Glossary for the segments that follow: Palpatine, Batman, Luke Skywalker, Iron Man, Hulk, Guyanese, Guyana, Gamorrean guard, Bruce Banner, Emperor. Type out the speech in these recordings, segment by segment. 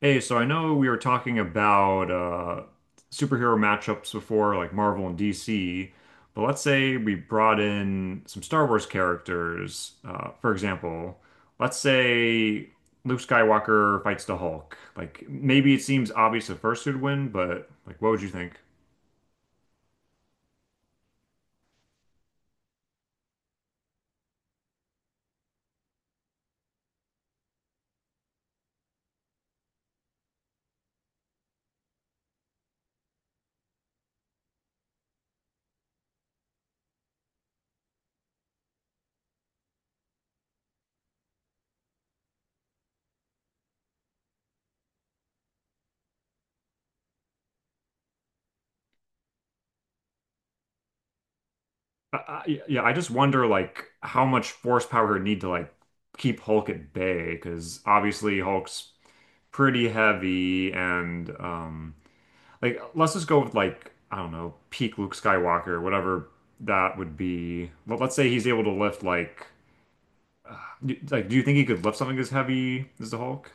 Hey, so I know we were talking about superhero matchups before, like Marvel and DC, but let's say we brought in some Star Wars characters. For example, let's say Luke Skywalker fights the Hulk. Like maybe it seems obvious at first who'd win, but like what would you think? Yeah, I just wonder like how much force power he'd need to like keep Hulk at bay, because obviously Hulk's pretty heavy and. Like, let's just go with like, I don't know, peak Luke Skywalker, whatever that would be. Let's say he's able to lift like, do you think he could lift something as heavy as the Hulk?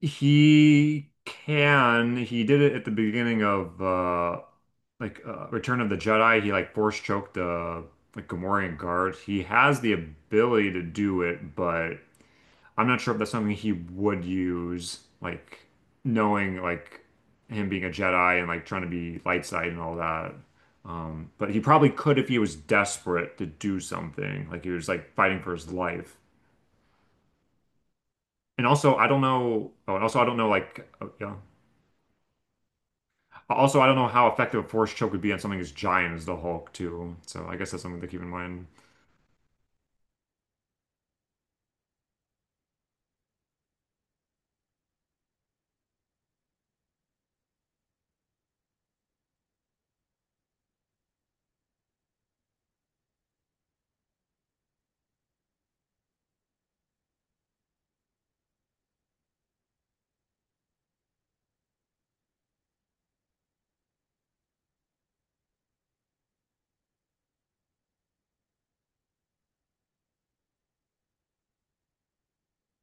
He can. He did it at the beginning of Return of the Jedi. He like force choked the like Gamorrean guard. He has the ability to do it, but I'm not sure if that's something he would use, like knowing like him being a Jedi and like trying to be light side and all that. But he probably could if he was desperate to do something, like he was like fighting for his life. And also, I don't know. Oh, and also, I don't know. Like, oh, yeah. Also, I don't know how effective a force choke would be on something as giant as the Hulk, too. So I guess that's something to keep in mind.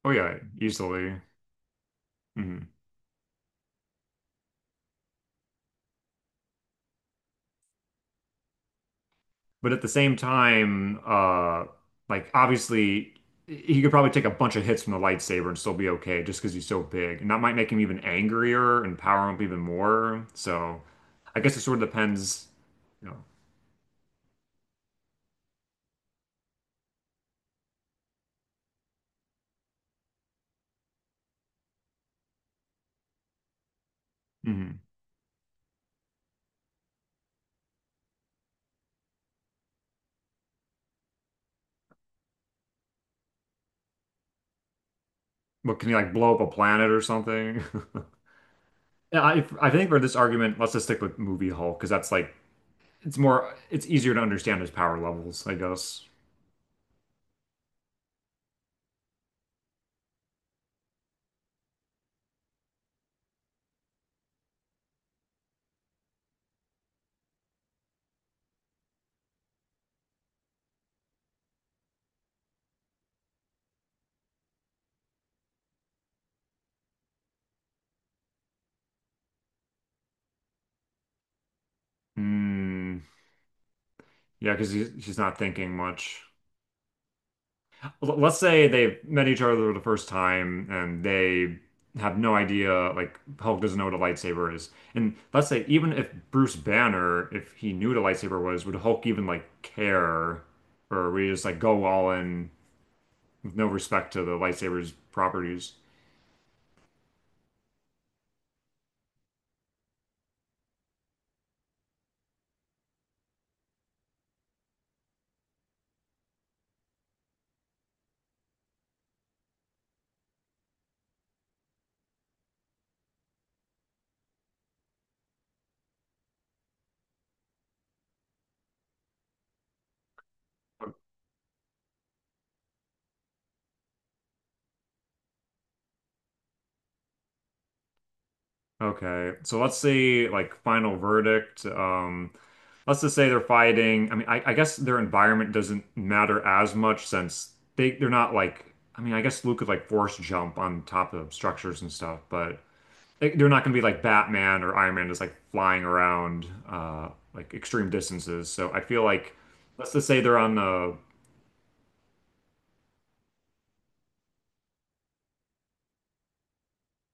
Oh yeah, easily. Mhm. But at the same time, like obviously he could probably take a bunch of hits from the lightsaber and still be okay just because he's so big. And that might make him even angrier and power him up even more. So I guess it sort of depends, you know. hmm But can he like blow up a planet or something? Yeah, I think for this argument, let's just stick with movie Hulk because that's like it's easier to understand his power levels, I guess. Hmm. Yeah, because he's not thinking much. Let's say they met each other the first time and they have no idea, like Hulk doesn't know what a lightsaber is. And let's say even if Bruce Banner, if he knew what a lightsaber was, would Hulk even like care? Or would he just like go all in with no respect to the lightsaber's properties? Okay, so let's say like final verdict. Let's just say they're fighting. I mean, I guess their environment doesn't matter as much since they're not like. I mean, I guess Luke could like force jump on top of structures and stuff, but they're not going to be like Batman or Iron Man just like flying around like extreme distances. So I feel like let's just say they're on the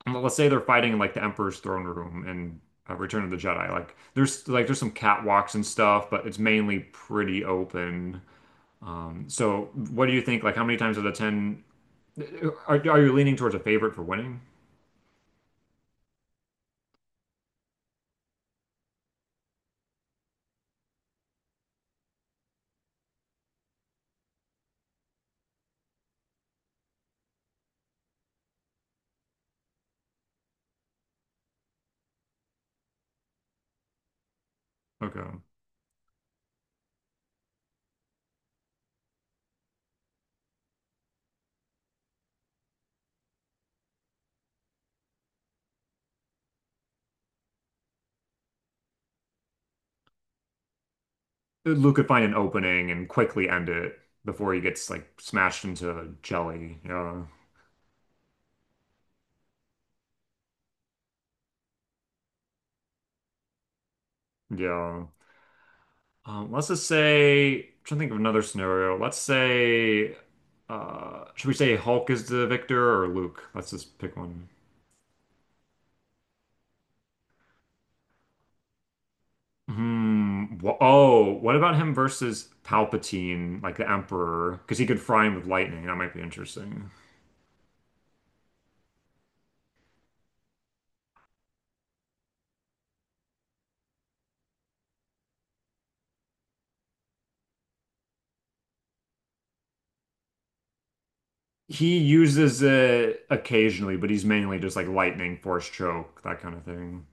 Well, let's say they're fighting in like the Emperor's throne room in Return of the Jedi. Like there's some catwalks and stuff, but it's mainly pretty open. So what do you think? Like how many times out of 10 are you leaning towards a favorite for winning? Okay. Luke could find an opening and quickly end it before he gets like smashed into jelly. Yeah. Yeah. Let's just say, I'm trying to think of another scenario. Should we say Hulk is the victor or Luke? Let's just pick one. Hmm. Oh, what about him versus Palpatine, like the Emperor? Because he could fry him with lightning. That might be interesting. He uses it occasionally, but he's mainly just like lightning, force choke, that kind of thing.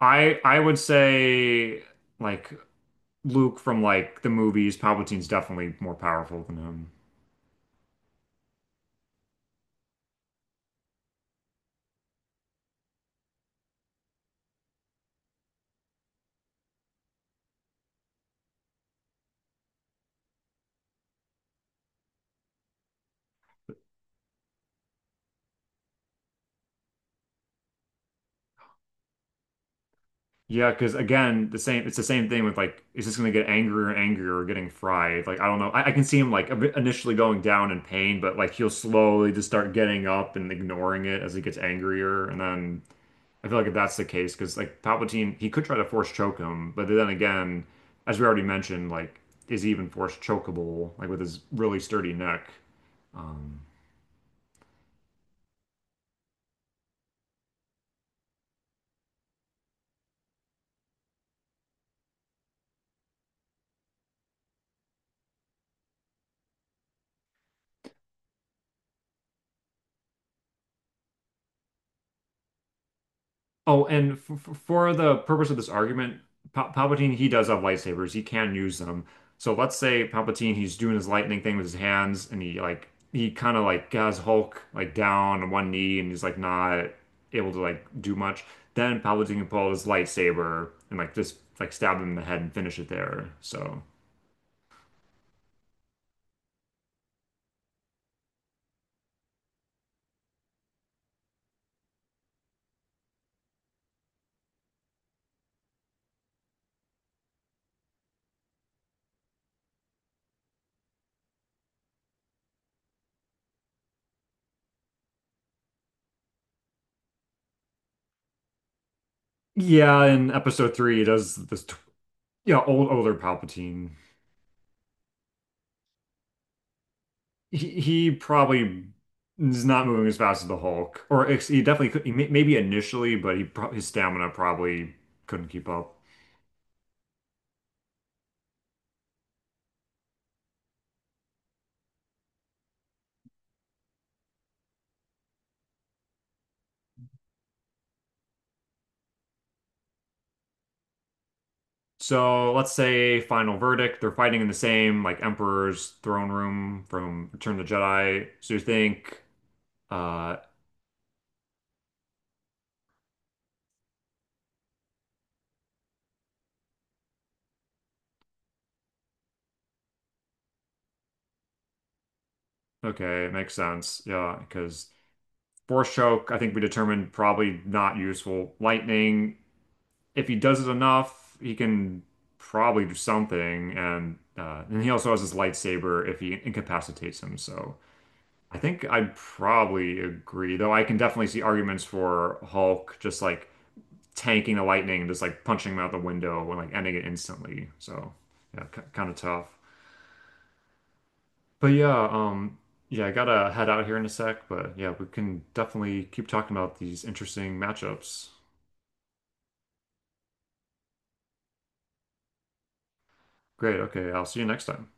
I would say like Luke from like the movies, Palpatine's definitely more powerful than him. Yeah, because again, the same it's the same thing with like it's just gonna get angrier and angrier or getting fried. Like I don't know. I can see him like a bit initially going down in pain, but like he'll slowly just start getting up and ignoring it as he gets angrier. And then I feel like if that's the case, because like Palpatine, he could try to force choke him, but then again, as we already mentioned, like is he even force chokeable, like with his really sturdy neck? Um Oh, and for the purpose of this argument, Palpatine, he does have lightsabers. He can use them. So let's say Palpatine, he's doing his lightning thing with his hands, and he kind of like has Hulk like down on one knee, and he's like not able to like do much. Then Palpatine can pull out his lightsaber and like just like stab him in the head and finish it there. So yeah, in Episode 3, he does this, tw- yeah, older Palpatine. He probably is not moving as fast as the Hulk, or ex he definitely could, maybe initially, but he pro his stamina probably couldn't keep up. So let's say final verdict, they're fighting in the same like Emperor's throne room from Return of the Jedi. So you think, uh, okay, it makes sense, yeah, because Force choke, I think we determined probably not useful. Lightning, if he does it enough, he can probably do something. And he also has his lightsaber if he incapacitates him. So I think I'd probably agree, though I can definitely see arguments for Hulk just like tanking the lightning and just like punching him out the window and like ending it instantly. So yeah, c kind of tough. But yeah, yeah, I gotta head out here in a sec. But yeah, we can definitely keep talking about these interesting matchups. Great. Okay, I'll see you next time.